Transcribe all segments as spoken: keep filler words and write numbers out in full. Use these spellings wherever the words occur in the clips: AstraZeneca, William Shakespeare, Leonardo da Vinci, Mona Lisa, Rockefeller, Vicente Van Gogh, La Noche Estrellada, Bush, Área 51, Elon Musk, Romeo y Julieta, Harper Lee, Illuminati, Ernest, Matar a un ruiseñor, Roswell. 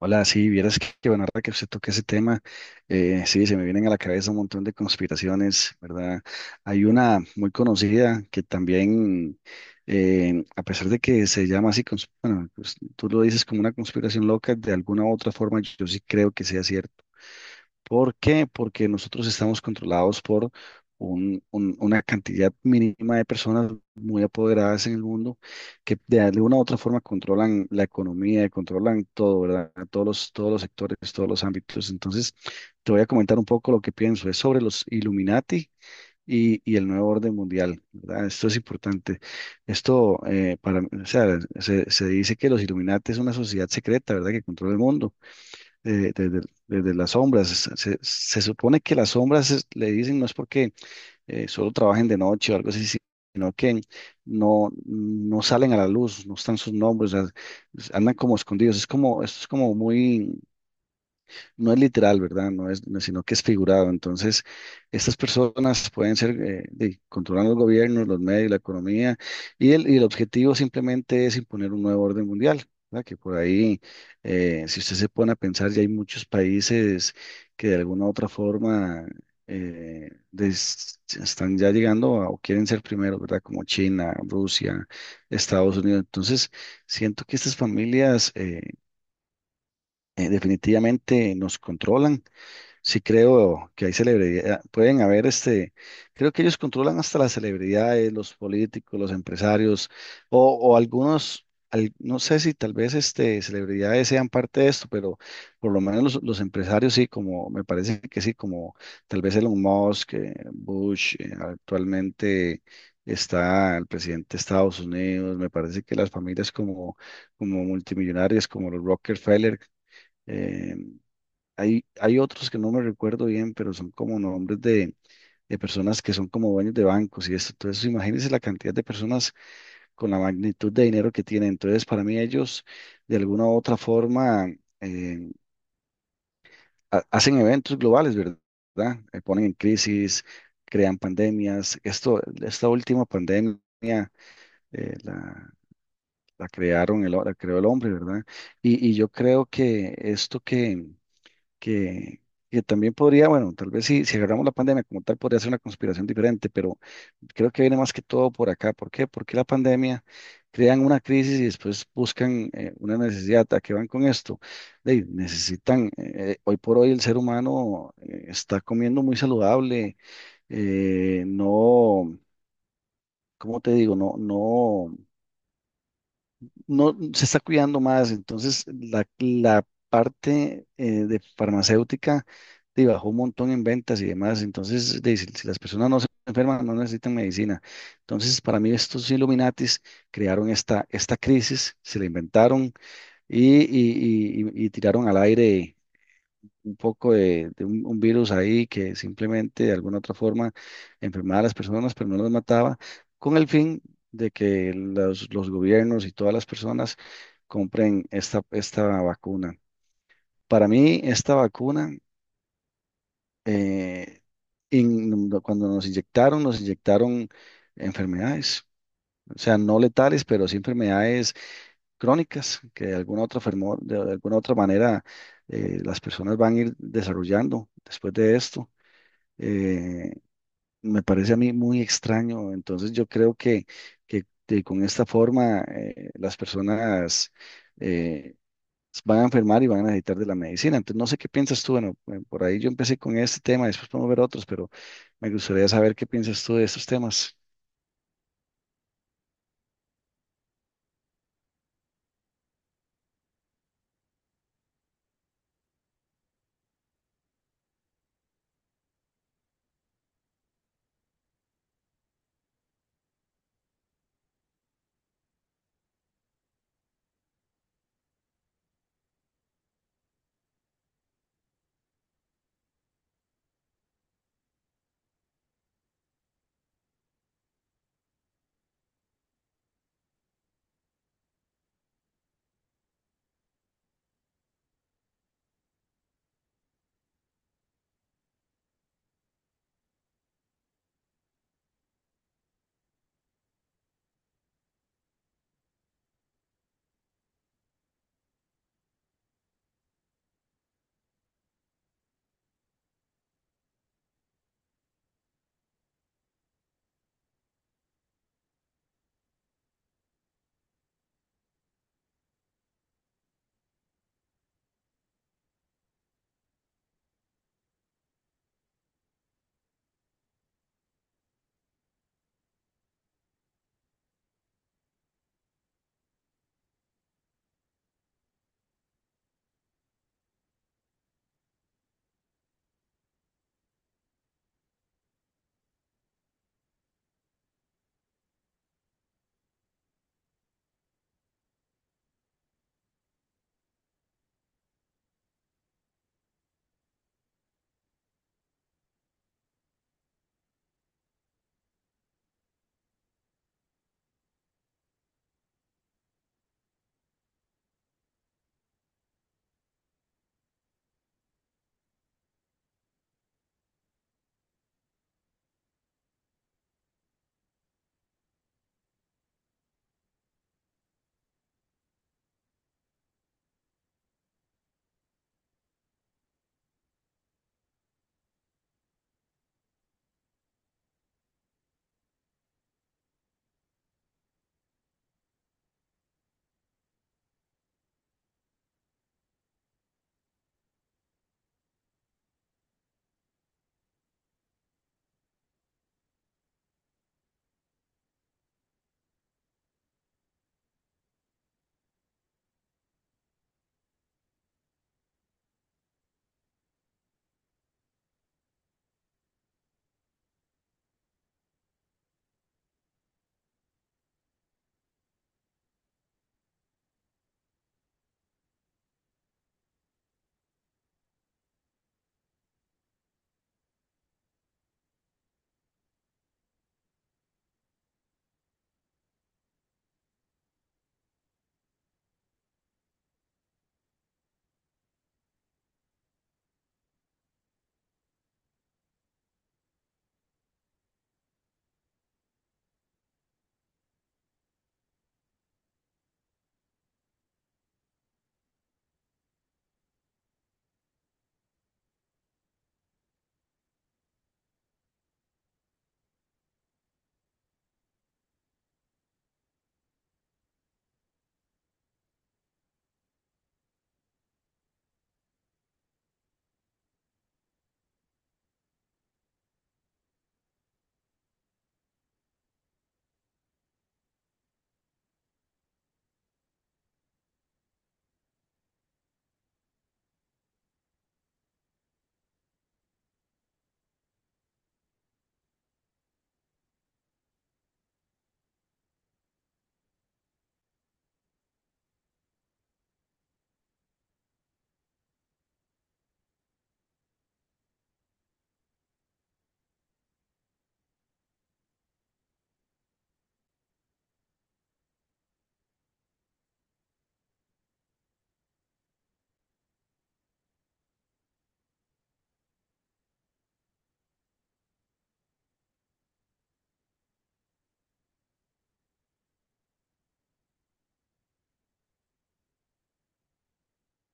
Hola, sí, vieras que, que bueno, ahora que usted toca ese tema, eh, sí, se me vienen a la cabeza un montón de conspiraciones, ¿verdad? Hay una muy conocida que también, eh, a pesar de que se llama así, cons- bueno, pues, tú lo dices como una conspiración loca, de alguna u otra forma yo sí creo que sea cierto. ¿Por qué? Porque nosotros estamos controlados por un- un- una cantidad mínima de personas muy apoderadas en el mundo que de alguna u otra forma controlan la economía, y controlan todo, ¿verdad? Todos los, todos los sectores, todos los ámbitos. Entonces, te voy a comentar un poco lo que pienso. Es sobre los Illuminati y, y el nuevo orden mundial, ¿verdad? Esto es importante. Esto, eh, para, o sea, se, se dice que los Illuminati es una sociedad secreta, ¿verdad? Que controla el mundo eh, desde, desde las sombras. Se, se- se supone que las sombras es- le dicen no es porque eh, solo trabajen de noche o algo así, si- sino que no, no salen a la luz, no están sus nombres, o sea, andan como escondidos. Es como, esto es como muy no es literal, ¿verdad? No es, no- sino que es figurado. Entonces, estas personas pueden ser, eh, de- controlan los gobiernos, los medios, la economía, y el, y el objetivo simplemente es imponer un nuevo orden mundial, ¿verdad? Que por ahí, eh, si usted se pone a pensar, ya hay muchos países que de alguna u otra forma eh, des- están ya llegando a- o quieren ser primeros, ¿verdad? Como China, Rusia, Estados Unidos. Entonces, siento que estas familias... eh, eh, definitivamente nos controlan. Sí, creo que hay celebridades, pueden haber este, creo que ellos controlan hasta las celebridades, los políticos, los empresarios, o, o algunos, al- no sé si tal vez este, celebridades sean parte de esto, pero por lo menos los, los empresarios sí, como me parece que sí, como tal vez Elon Musk, eh, Bush, eh, actualmente está el presidente de Estados Unidos, me parece que las familias como, como multimillonarias, como los Rockefeller. eh, hay, hay otros que no me recuerdo bien, pero son como nombres de, de personas que son como dueños de bancos y esto. Entonces, imagínense la cantidad de personas con la magnitud de dinero que tienen. Entonces, para mí ellos, de alguna u otra forma, eh, ha- hacen eventos globales, ¿verdad? Eh, ponen en crisis, crean pandemias. Esto, esta última pandemia, eh, la, la crearon, el, ho- la creó el hombre, ¿verdad? Y, y yo creo que esto que que, que también podría, bueno, tal vez si, si agarramos la pandemia como tal, podría ser una conspiración diferente, pero creo que viene más que todo por acá. ¿Por qué? Porque la pandemia crean una crisis y después buscan eh, una necesidad. ¿A qué van con esto? De, necesitan, eh, eh, hoy por hoy el ser humano eh, está comiendo muy saludable, eh, no, ¿cómo te digo? No, no no se está cuidando más, entonces la, la parte eh, de farmacéutica de, bajó un montón en ventas y demás, entonces de, si, si las personas no se enferman, no necesitan medicina. Entonces, para mí estos Illuminatis crearon esta, esta crisis, se la inventaron y, y, y- y- y tiraron al aire un poco de, de un, un virus ahí que simplemente de alguna otra forma enfermaba a las personas, pero no las mataba, con el fin de que los, los gobiernos y todas las personas compren esta, esta vacuna. Para mí, esta vacuna, eh, in- no, cuando nos inyectaron, nos inyectaron enfermedades. O sea, no letales, pero sí enfermedades crónicas que de alguna otra, fermo- de alguna otra manera eh, las personas van a ir desarrollando después de esto. eh, me parece a mí muy extraño. Entonces yo creo que, que, que con esta forma eh, las personas eh, van a enfermar y van a necesitar de la medicina. Entonces no sé qué piensas tú. Bueno, eh, por ahí yo empecé con este tema, después podemos ver otros, pero me gustaría saber qué piensas tú de estos temas.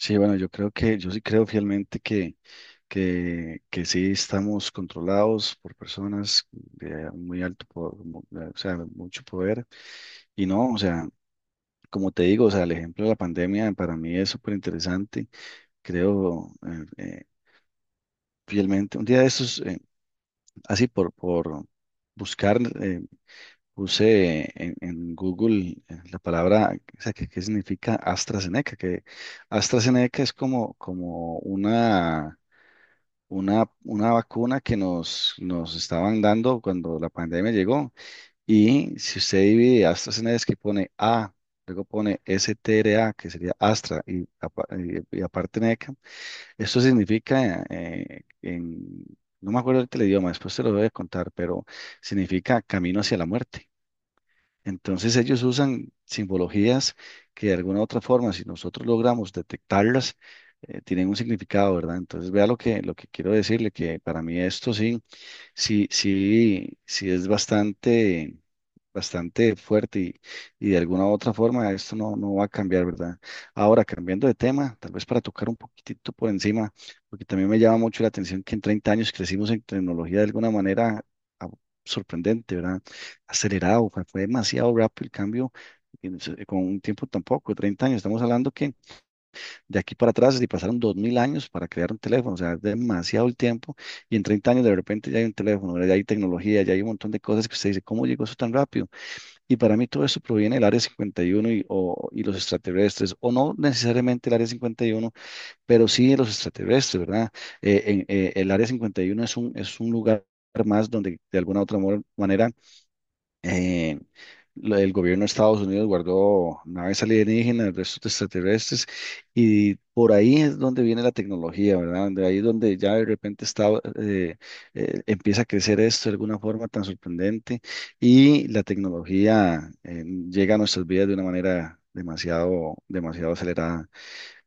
Sí, bueno, yo creo que, yo sí creo fielmente que, que, que sí estamos controlados por personas de muy alto, po- mo- o sea, mucho poder. Y no, o sea, como te digo, o sea, el ejemplo de la pandemia para mí es súper interesante. Creo eh, eh, fielmente. Un día de estos, eh, así por, por buscar, eh, puse en, en Google eh, la palabra, o sea, qué qué significa AstraZeneca, que AstraZeneca es como, como una, una, una vacuna que nos, nos estaban dando cuando la pandemia llegó. Y si usted divide AstraZeneca, que pone A, luego pone S T R A, que sería Astra, y, apa- y- y aparte N E C A, esto significa, eh, en, no me acuerdo ahorita el idioma, después te lo voy a contar, pero significa camino hacia la muerte. Entonces ellos usan simbologías que de alguna u otra forma, si nosotros logramos detectarlas, eh, tienen un significado, ¿verdad? Entonces vea lo que, lo que quiero decirle, que para mí esto sí. Sí, sí, sí es bastante, bastante fuerte y, y de alguna u otra forma esto no, no va a cambiar, ¿verdad? Ahora, cambiando de tema, tal vez para tocar un poquitito por encima, porque también me llama mucho la atención que en treinta años crecimos en tecnología de alguna manera ah, sorprendente, ¿verdad? Acelerado, fue fue demasiado rápido el cambio en- con un tiempo tampoco. Treinta años, estamos hablando que de aquí para atrás, si pasaron dos mil años para crear un teléfono, o sea, es demasiado el tiempo. Y en treinta años, de repente, ya hay un teléfono, ¿verdad? Ya hay tecnología, ya hay un montón de cosas que usted dice, ¿cómo llegó eso tan rápido? Y para mí, todo eso proviene del Área cincuenta y, uno y, o- y los extraterrestres, o no necesariamente el Área cincuenta y uno, pero sí de los extraterrestres, ¿verdad? Eh, en- eh, el Área cincuenta y uno es un, es un lugar más donde de alguna u otra mo- manera eh, lo- el gobierno de Estados Unidos guardó naves alienígenas, restos de extraterrestres, y por ahí es donde viene la tecnología, ¿verdad? De ahí es donde ya de repente está, eh, eh, empieza a crecer esto de alguna forma tan sorprendente y la tecnología eh, llega a nuestras vidas de una manera... demasiado, demasiado acelerada.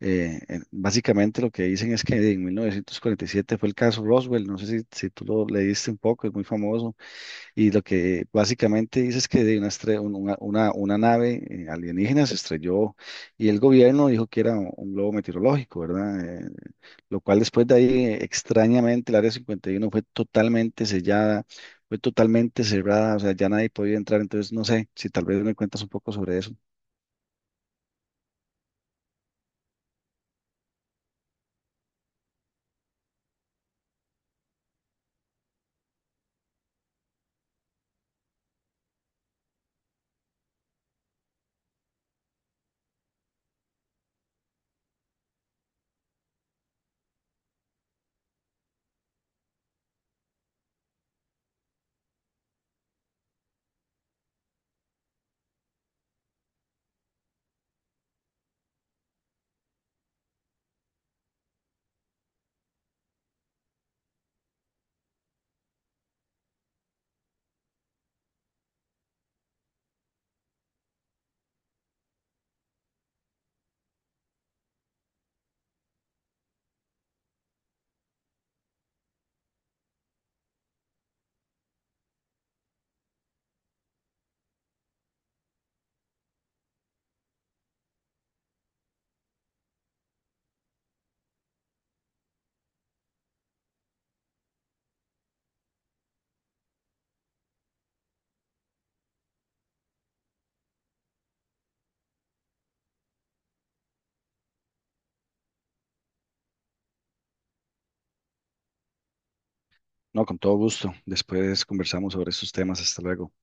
Eh, eh, básicamente lo que dicen es que en mil novecientos cuarenta y siete fue el caso Roswell, no sé si, si tú lo leíste un poco, es muy famoso y lo que básicamente dice es que de una, estre- un- una, una- una nave eh, alienígena se estrelló y el gobierno dijo que era un, un globo meteorológico, ¿verdad? Eh, lo cual después de ahí, eh, extrañamente, el Área cincuenta y uno fue totalmente sellada, fue totalmente cerrada, o sea, ya nadie podía entrar. Entonces, no sé si tal vez me cuentas un poco sobre eso. No, con todo gusto. Después conversamos sobre esos temas. Hasta luego.